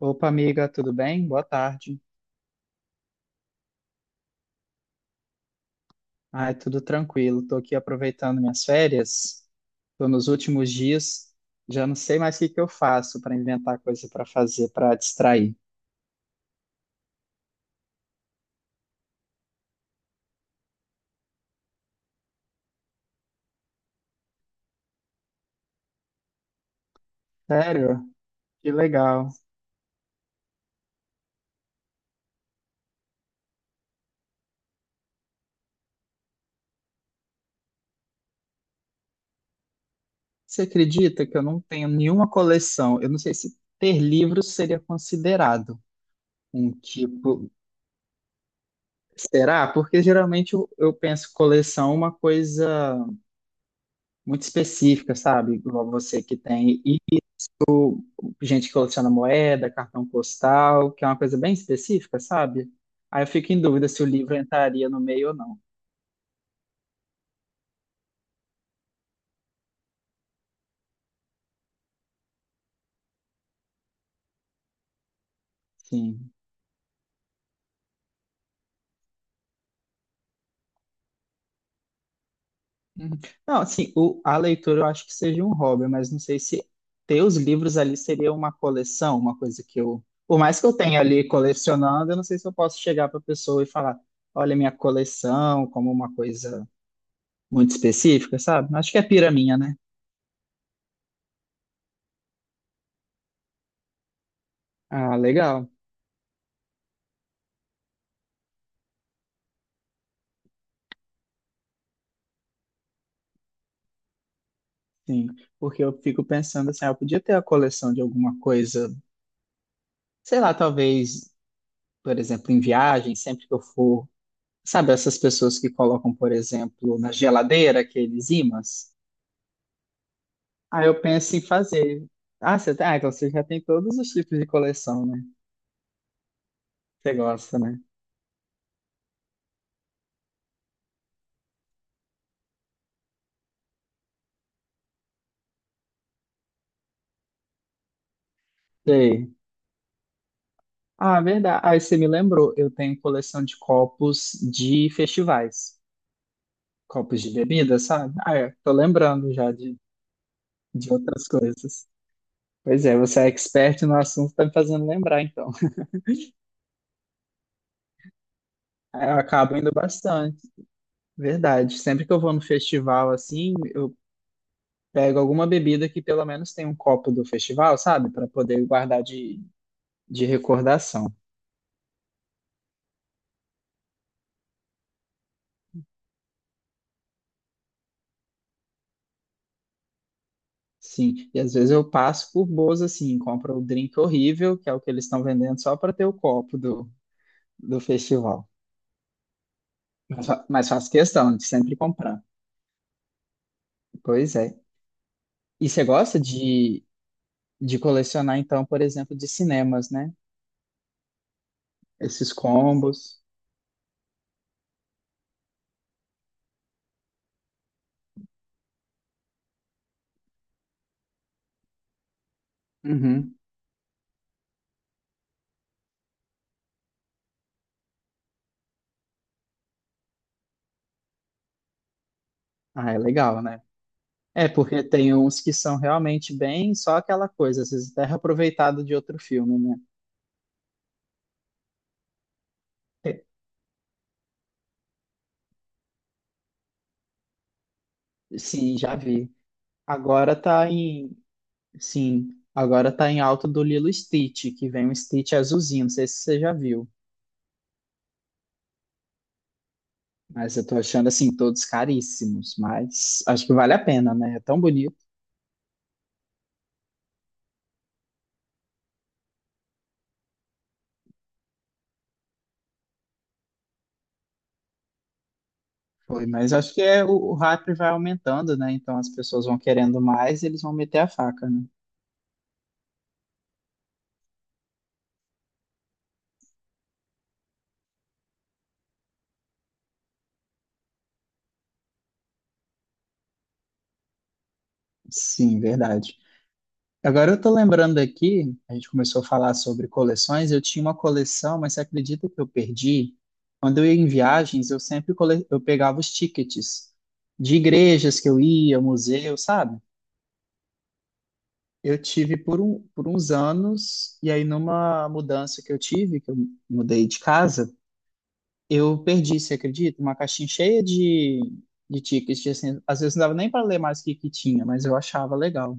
Opa, amiga, tudo bem? Boa tarde. Ai, tudo tranquilo. Tô aqui aproveitando minhas férias. Tô nos últimos dias. Já não sei mais o que que eu faço para inventar coisa para fazer, para distrair. Sério? Que legal. Você acredita que eu não tenho nenhuma coleção? Eu não sei se ter livros seria considerado um tipo. Será? Porque geralmente eu penso coleção é uma coisa muito específica, sabe? Igual você que tem. E gente que coleciona moeda, cartão postal, que é uma coisa bem específica, sabe? Aí eu fico em dúvida se o livro entraria no meio ou não. Sim. Uhum. Não, assim, a leitura eu acho que seja um hobby, mas não sei se ter os livros ali seria uma coleção, uma coisa que eu. Por mais que eu tenha ali colecionando, eu não sei se eu posso chegar para a pessoa e falar: olha, minha coleção, como uma coisa muito específica, sabe? Acho que é pira minha, né? Ah, legal. Sim, porque eu fico pensando assim, ah, eu podia ter a coleção de alguma coisa. Sei lá, talvez, por exemplo, em viagem, sempre que eu for, sabe, essas pessoas que colocam, por exemplo, na geladeira aqueles ímãs? Aí eu penso em fazer. Ah, você tem, ah, então você já tem todos os tipos de coleção, né? Você gosta, né? Sei. Ah, verdade. Aí você me lembrou, eu tenho coleção de copos de festivais, copos de bebida, sabe? Ah, é, tô lembrando já de outras coisas. Pois é, você é expert no assunto, tá me fazendo lembrar, então. Aí eu acabo indo bastante. Verdade. Sempre que eu vou no festival assim, eu pego alguma bebida que pelo menos tem um copo do festival, sabe? Para poder guardar de recordação. Sim. E às vezes eu passo por boas assim, compro o drink horrível, que é o que eles estão vendendo só para ter o copo do festival. Mas faço questão de sempre comprar. Pois é. E você gosta de colecionar, então, por exemplo, de cinemas, né? Esses combos. Uhum. Ah, é legal, né? É, porque tem uns que são realmente bem só aquela coisa, às vezes até reaproveitado de outro filme, né? É, sim, já vi. Agora tá em. Sim, agora tá em alta do Lilo e Stitch, que vem um Stitch azulzinho, não sei se você já viu. Mas eu tô achando, assim, todos caríssimos, mas acho que vale a pena, né? É tão bonito. Foi, mas acho que é, o hype vai aumentando, né? Então as pessoas vão querendo mais e eles vão meter a faca, né? Sim, verdade. Agora eu tô lembrando aqui, a gente começou a falar sobre coleções, eu tinha uma coleção, mas você acredita que eu perdi? Quando eu ia em viagens, eu pegava os tickets de igrejas que eu ia, museu, sabe? Eu tive por, um, por uns anos, e aí numa mudança que eu tive, que eu mudei de casa, eu perdi, você acredita? Uma caixinha cheia de tickets, de, assim, às vezes não dava nem para ler mais o que que tinha, mas eu achava legal.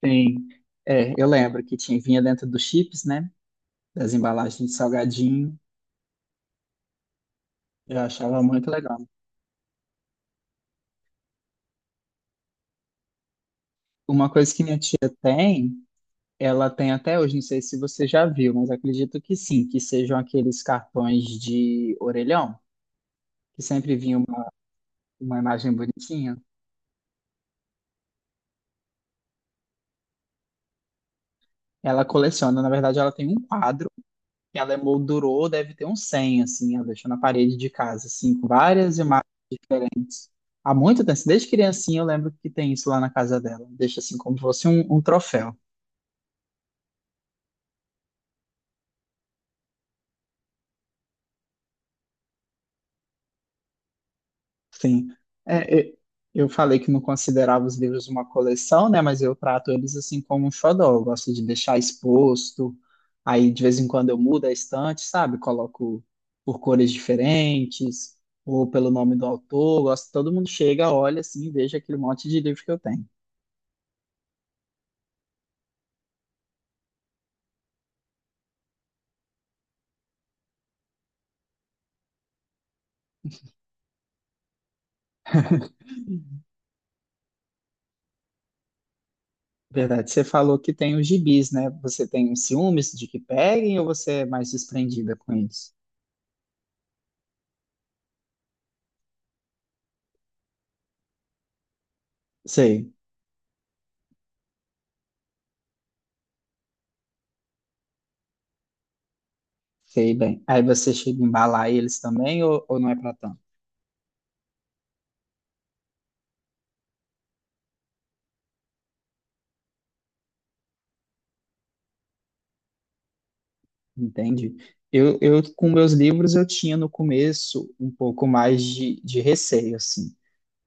Tem é, eu lembro que tinha, vinha dentro dos chips, né? Das embalagens de salgadinho. Eu achava muito legal. Uma coisa que minha tia tem, ela tem até hoje, não sei se você já viu, mas acredito que sim, que sejam aqueles cartões de orelhão, que sempre vinha uma imagem bonitinha. Ela coleciona, na verdade, ela tem um quadro, que ela emoldurou, deve ter uns 100, assim, ela deixou na parede de casa, assim, com várias imagens diferentes. Há muito tempo, desde criancinha eu lembro que tem isso lá na casa dela. Deixa assim como se fosse um troféu. Sim. É, eu falei que não considerava os livros uma coleção, né? Mas eu trato eles assim como um xodó. Eu gosto de deixar exposto. Aí, de vez em quando, eu mudo a estante, sabe? Coloco por cores diferentes ou pelo nome do autor. Eu gosto, todo mundo chega, olha assim e veja aquele monte de livro que eu tenho. Verdade, você falou que tem os gibis, né? Você tem ciúmes de que peguem ou você é mais desprendida com isso? Sei, sei bem. Aí você chega a embalar eles também ou não é para tanto? Entende? Com meus livros, eu tinha no começo um pouco mais de receio, assim.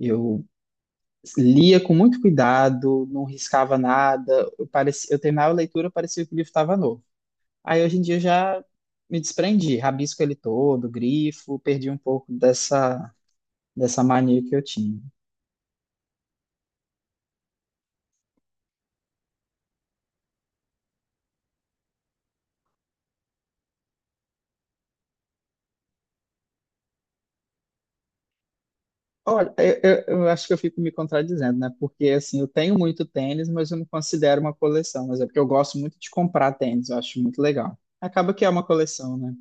Eu lia com muito cuidado, não riscava nada, eu, parecia, eu terminava a leitura, parecia que o livro estava novo. Aí, hoje em dia, eu já me desprendi, rabisco ele todo, grifo, perdi um pouco dessa mania que eu tinha. Olha, eu acho que eu fico me contradizendo, né? Porque, assim, eu tenho muito tênis, mas eu não considero uma coleção. Mas é porque eu gosto muito de comprar tênis, eu acho muito legal. Acaba que é uma coleção, né?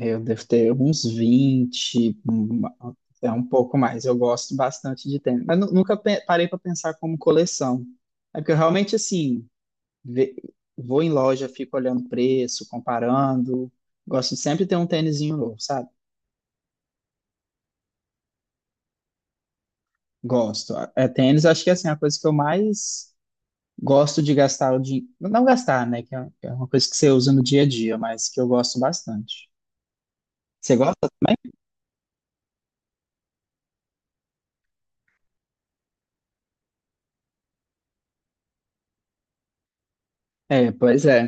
Eu devo ter uns 20, até um pouco mais. Eu gosto bastante de tênis. Mas nunca parei para pensar como coleção. É porque eu realmente, assim, ve- vou em loja, fico olhando preço, comparando. Gosto de sempre ter um tênisinho novo, sabe? Gosto. É, tênis, acho que, assim, é a coisa que eu mais gosto de gastar o dinheiro. Não gastar, né? Que é uma coisa que você usa no dia a dia, mas que eu gosto bastante. Você gosta? É, pois é.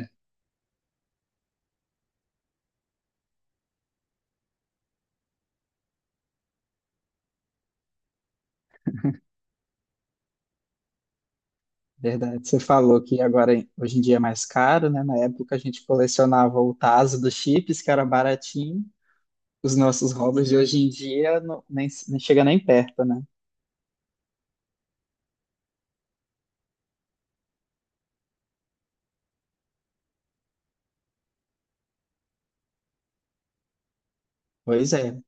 Verdade. Você falou que agora, hoje em dia, é mais caro, né? Na época, a gente colecionava o taso dos chips, que era baratinho. Os nossos hobbies de hoje em dia não, nem chega nem perto, né? Pois é.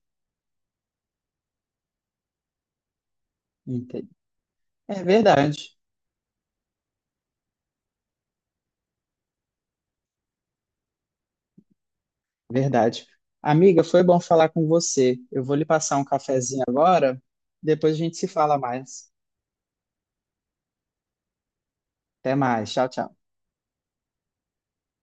Entendi. É verdade. Verdade. Amiga, foi bom falar com você. Eu vou lhe passar um cafezinho agora, depois a gente se fala mais. Até mais. Tchau, tchau.